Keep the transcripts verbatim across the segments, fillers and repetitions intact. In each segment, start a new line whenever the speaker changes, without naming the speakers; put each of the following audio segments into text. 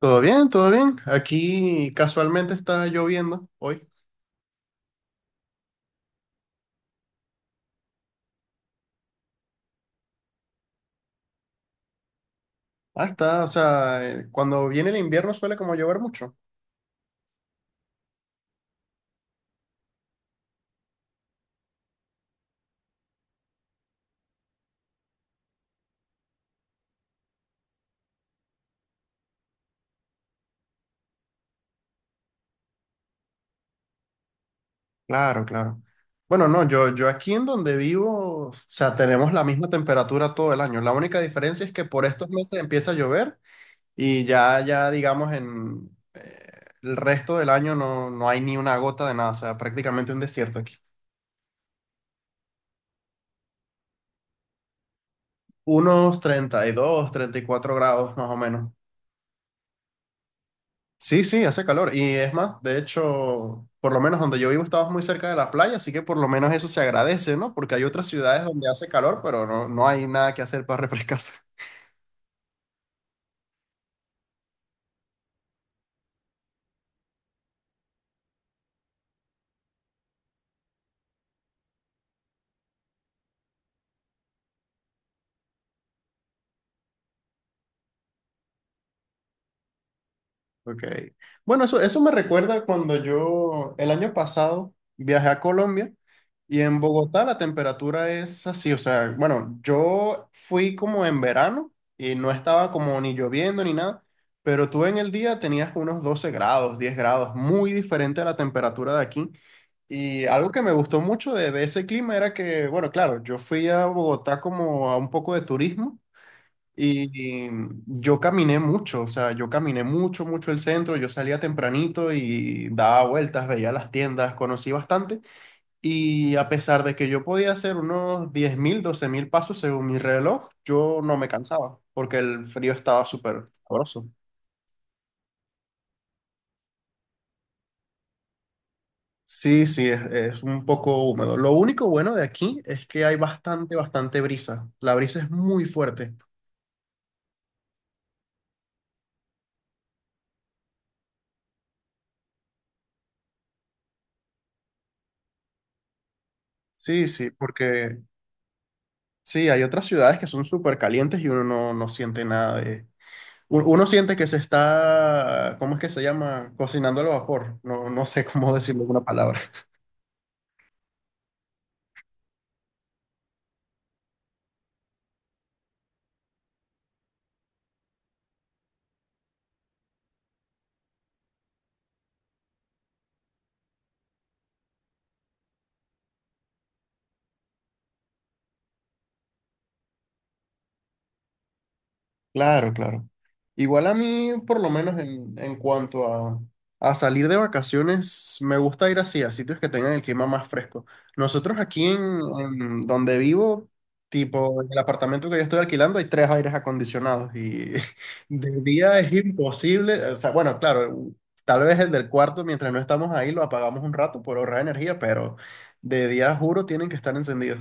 Todo bien, todo bien. Aquí casualmente está lloviendo hoy. Ah, está, o sea, eh, cuando viene el invierno suele como llover mucho. Claro, claro. Bueno, no, yo, yo aquí en donde vivo, o sea, tenemos la misma temperatura todo el año. La única diferencia es que por estos meses empieza a llover y ya, ya digamos, en eh, el resto del año no, no hay ni una gota de nada, o sea, prácticamente un desierto aquí. Unos treinta treinta y dos, treinta y cuatro grados más o menos. Sí, sí, hace calor. Y es más, de hecho, por lo menos donde yo vivo estabas muy cerca de la playa, así que por lo menos eso se agradece, ¿no? Porque hay otras ciudades donde hace calor, pero no, no hay nada que hacer para refrescarse. Ok. Bueno, eso, eso me recuerda cuando yo el año pasado viajé a Colombia y en Bogotá la temperatura es así, o sea, bueno, yo fui como en verano y no estaba como ni lloviendo ni nada, pero tú en el día tenías unos doce grados, diez grados, muy diferente a la temperatura de aquí. Y algo que me gustó mucho de, de ese clima era que, bueno, claro, yo fui a Bogotá como a un poco de turismo. Y yo caminé mucho, o sea, yo caminé mucho, mucho el centro, yo salía tempranito y daba vueltas, veía las tiendas, conocí bastante. Y a pesar de que yo podía hacer unos diez mil doce mil pasos según mi reloj, yo no me cansaba porque el frío estaba súper sabroso. Sí, sí, es, es un poco húmedo. Lo único bueno de aquí es que hay bastante, bastante brisa. La brisa es muy fuerte. Sí, sí, porque sí, hay otras ciudades que son súper calientes y uno no, no siente nada de, u- uno siente que se está, ¿cómo es que se llama? Cocinando al vapor. No, no sé cómo decirlo en una palabra. Claro, claro. Igual a mí, por lo menos en, en cuanto a, a salir de vacaciones, me gusta ir así, a sitios que tengan el clima más fresco. Nosotros aquí en, en donde vivo, tipo en el apartamento que yo estoy alquilando, hay tres aires acondicionados y de día es imposible. O sea, bueno, claro, tal vez el del cuarto, mientras no estamos ahí, lo apagamos un rato por ahorrar energía, pero de día, juro, tienen que estar encendidos.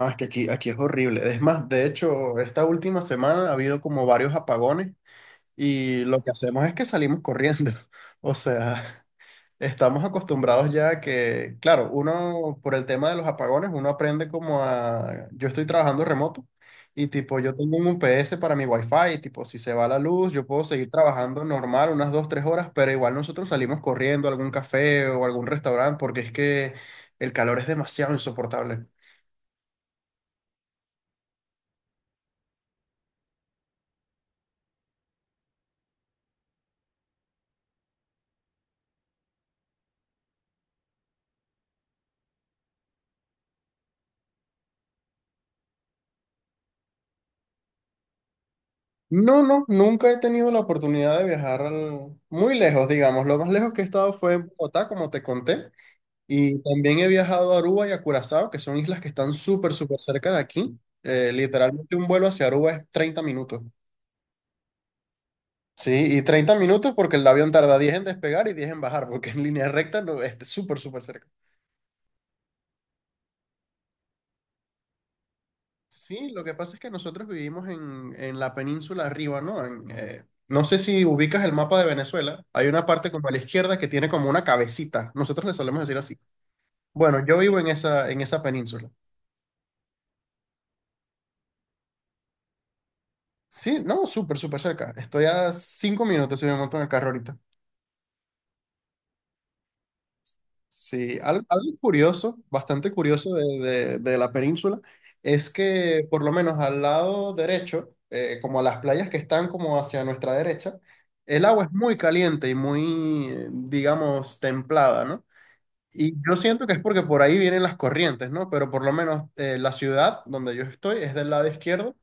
Ah, es que aquí, aquí es horrible. Es más, de hecho, esta última semana ha habido como varios apagones y lo que hacemos es que salimos corriendo. O sea, estamos acostumbrados ya a que, claro, uno por el tema de los apagones, uno aprende como a... Yo estoy trabajando remoto y tipo, yo tengo un U P S para mi Wi-Fi y tipo, si se va la luz, yo puedo seguir trabajando normal unas dos, tres horas, pero igual nosotros salimos corriendo a algún café o algún restaurante porque es que el calor es demasiado insoportable. No, no, nunca he tenido la oportunidad de viajar al- muy lejos, digamos. Lo más lejos que he estado fue en Bogotá, como te conté, y también he viajado a Aruba y a Curazao, que son islas que están súper, súper cerca de aquí. Eh, literalmente un vuelo hacia Aruba es treinta minutos. Sí, y treinta minutos porque el avión tarda diez en despegar y diez en bajar, porque en línea recta no, es súper, súper cerca. Sí, lo que pasa es que nosotros vivimos en, en la península arriba, ¿no? En, eh, no sé si ubicas el mapa de Venezuela. Hay una parte como a la izquierda que tiene como una cabecita. Nosotros le solemos decir así. Bueno, yo vivo en esa, en esa península. Sí, no, súper, súper cerca. Estoy a cinco minutos si me monto en el carro ahorita. Sí, al- algo curioso, bastante curioso de, de- de la península, es que por lo menos al lado derecho, eh, como las playas que están como hacia nuestra derecha, el agua es muy caliente y muy, eh, digamos, templada, ¿no? Y yo siento que es porque por ahí vienen las corrientes, ¿no? Pero por lo menos eh, la ciudad donde yo estoy es del lado izquierdo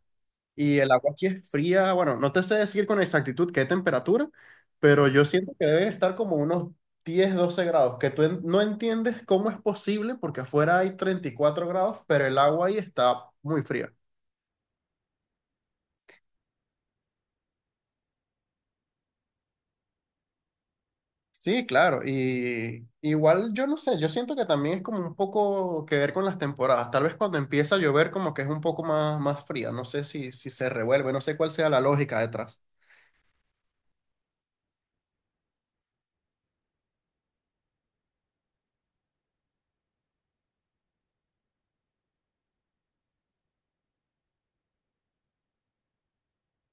y el agua aquí es fría, bueno, no te sé decir con exactitud qué temperatura, pero yo siento que debe estar como unos diez doce grados, que tú en- no entiendes cómo es posible porque afuera hay treinta y cuatro grados, pero el agua ahí está muy fría. Sí, claro, y igual yo no sé, yo siento que también es como un poco que ver con las temporadas, tal vez cuando empieza a llover como que es un poco más, más fría, no sé si, si se revuelve, no sé cuál sea la lógica detrás.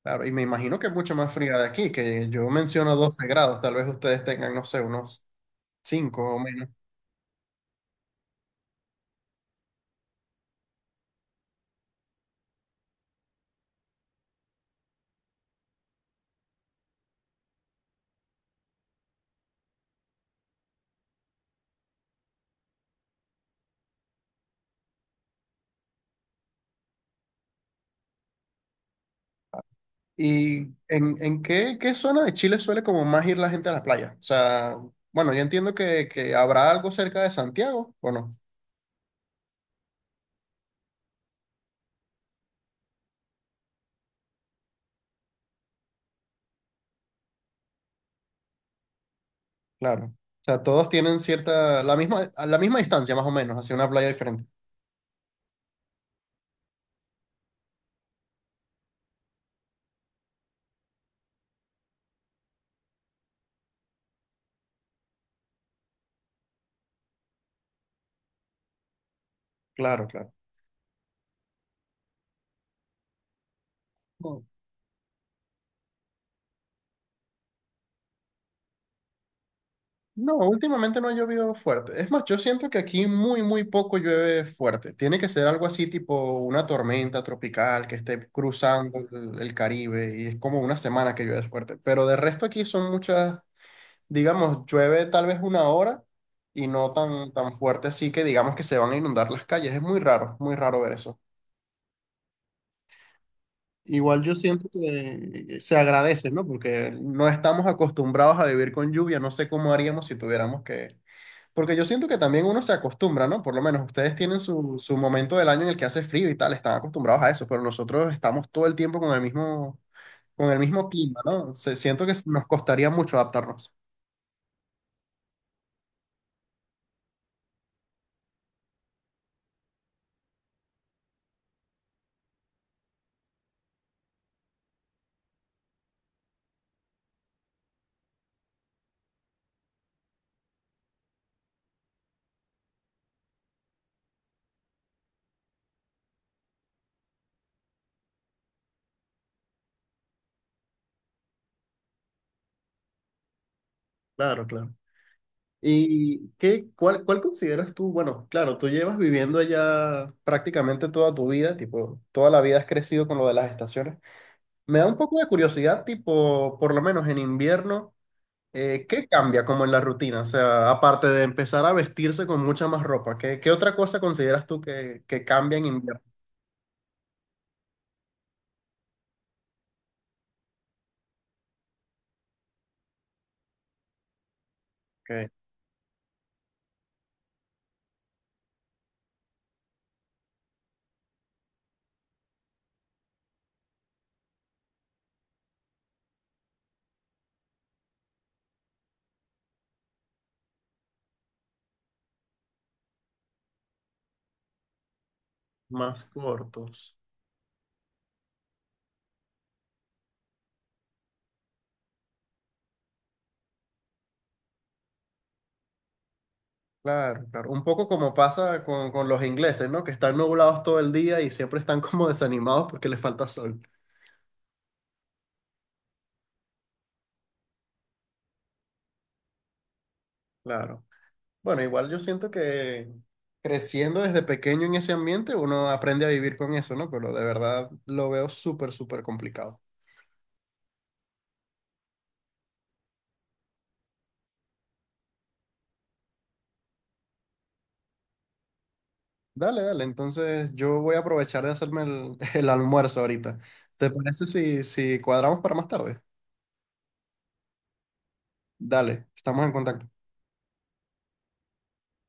Claro, y me imagino que es mucho más fría de aquí, que yo menciono doce grados, tal vez ustedes tengan, no sé, unos cinco o menos. ¿Y en, en qué, qué zona de Chile suele como más ir la gente a la playa? O sea, bueno, yo entiendo que, que habrá algo cerca de Santiago, ¿o no? Claro. O sea, todos tienen cierta, la misma, a la misma distancia más o menos, hacia una playa diferente. Claro, claro. No, últimamente no ha llovido fuerte. Es más, yo siento que aquí muy, muy poco llueve fuerte. Tiene que ser algo así tipo una tormenta tropical que esté cruzando el, el Caribe y es como una semana que llueve fuerte. Pero de resto aquí son muchas, digamos, llueve tal vez una hora y no tan, tan fuerte así que digamos que se van a inundar las calles. Es muy raro, muy raro ver eso. Igual yo siento que se agradece, ¿no? Porque no estamos acostumbrados a vivir con lluvia. No sé cómo haríamos si tuviéramos que. Porque yo siento que también uno se acostumbra, ¿no? Por lo menos ustedes tienen su, su momento del año en el que hace frío y tal, están acostumbrados a eso, pero nosotros estamos todo el tiempo con el mismo, con el mismo clima, ¿no? Se- siento que nos costaría mucho adaptarnos. Claro, claro. ¿Y qué, cuál, cuál consideras tú? Bueno, claro, tú llevas viviendo allá prácticamente toda tu vida, tipo, toda la vida has crecido con lo de las estaciones. Me da un poco de curiosidad, tipo, por lo menos en invierno. Eh, ¿qué cambia como en la rutina? O sea, aparte de empezar a vestirse con mucha más ropa, ¿qué, qué, otra cosa consideras tú que, que cambia en invierno? Que más cortos. Claro, claro. Un poco como pasa con, con los ingleses, ¿no? Que están nublados todo el día y siempre están como desanimados porque les falta sol. Claro. Bueno, igual yo siento que creciendo desde pequeño en ese ambiente, uno aprende a vivir con eso, ¿no? Pero de verdad lo veo súper, súper complicado. Dale, dale. Entonces yo voy a aprovechar de hacerme el, el almuerzo ahorita. ¿Te parece si, si cuadramos para más tarde? Dale, estamos en contacto.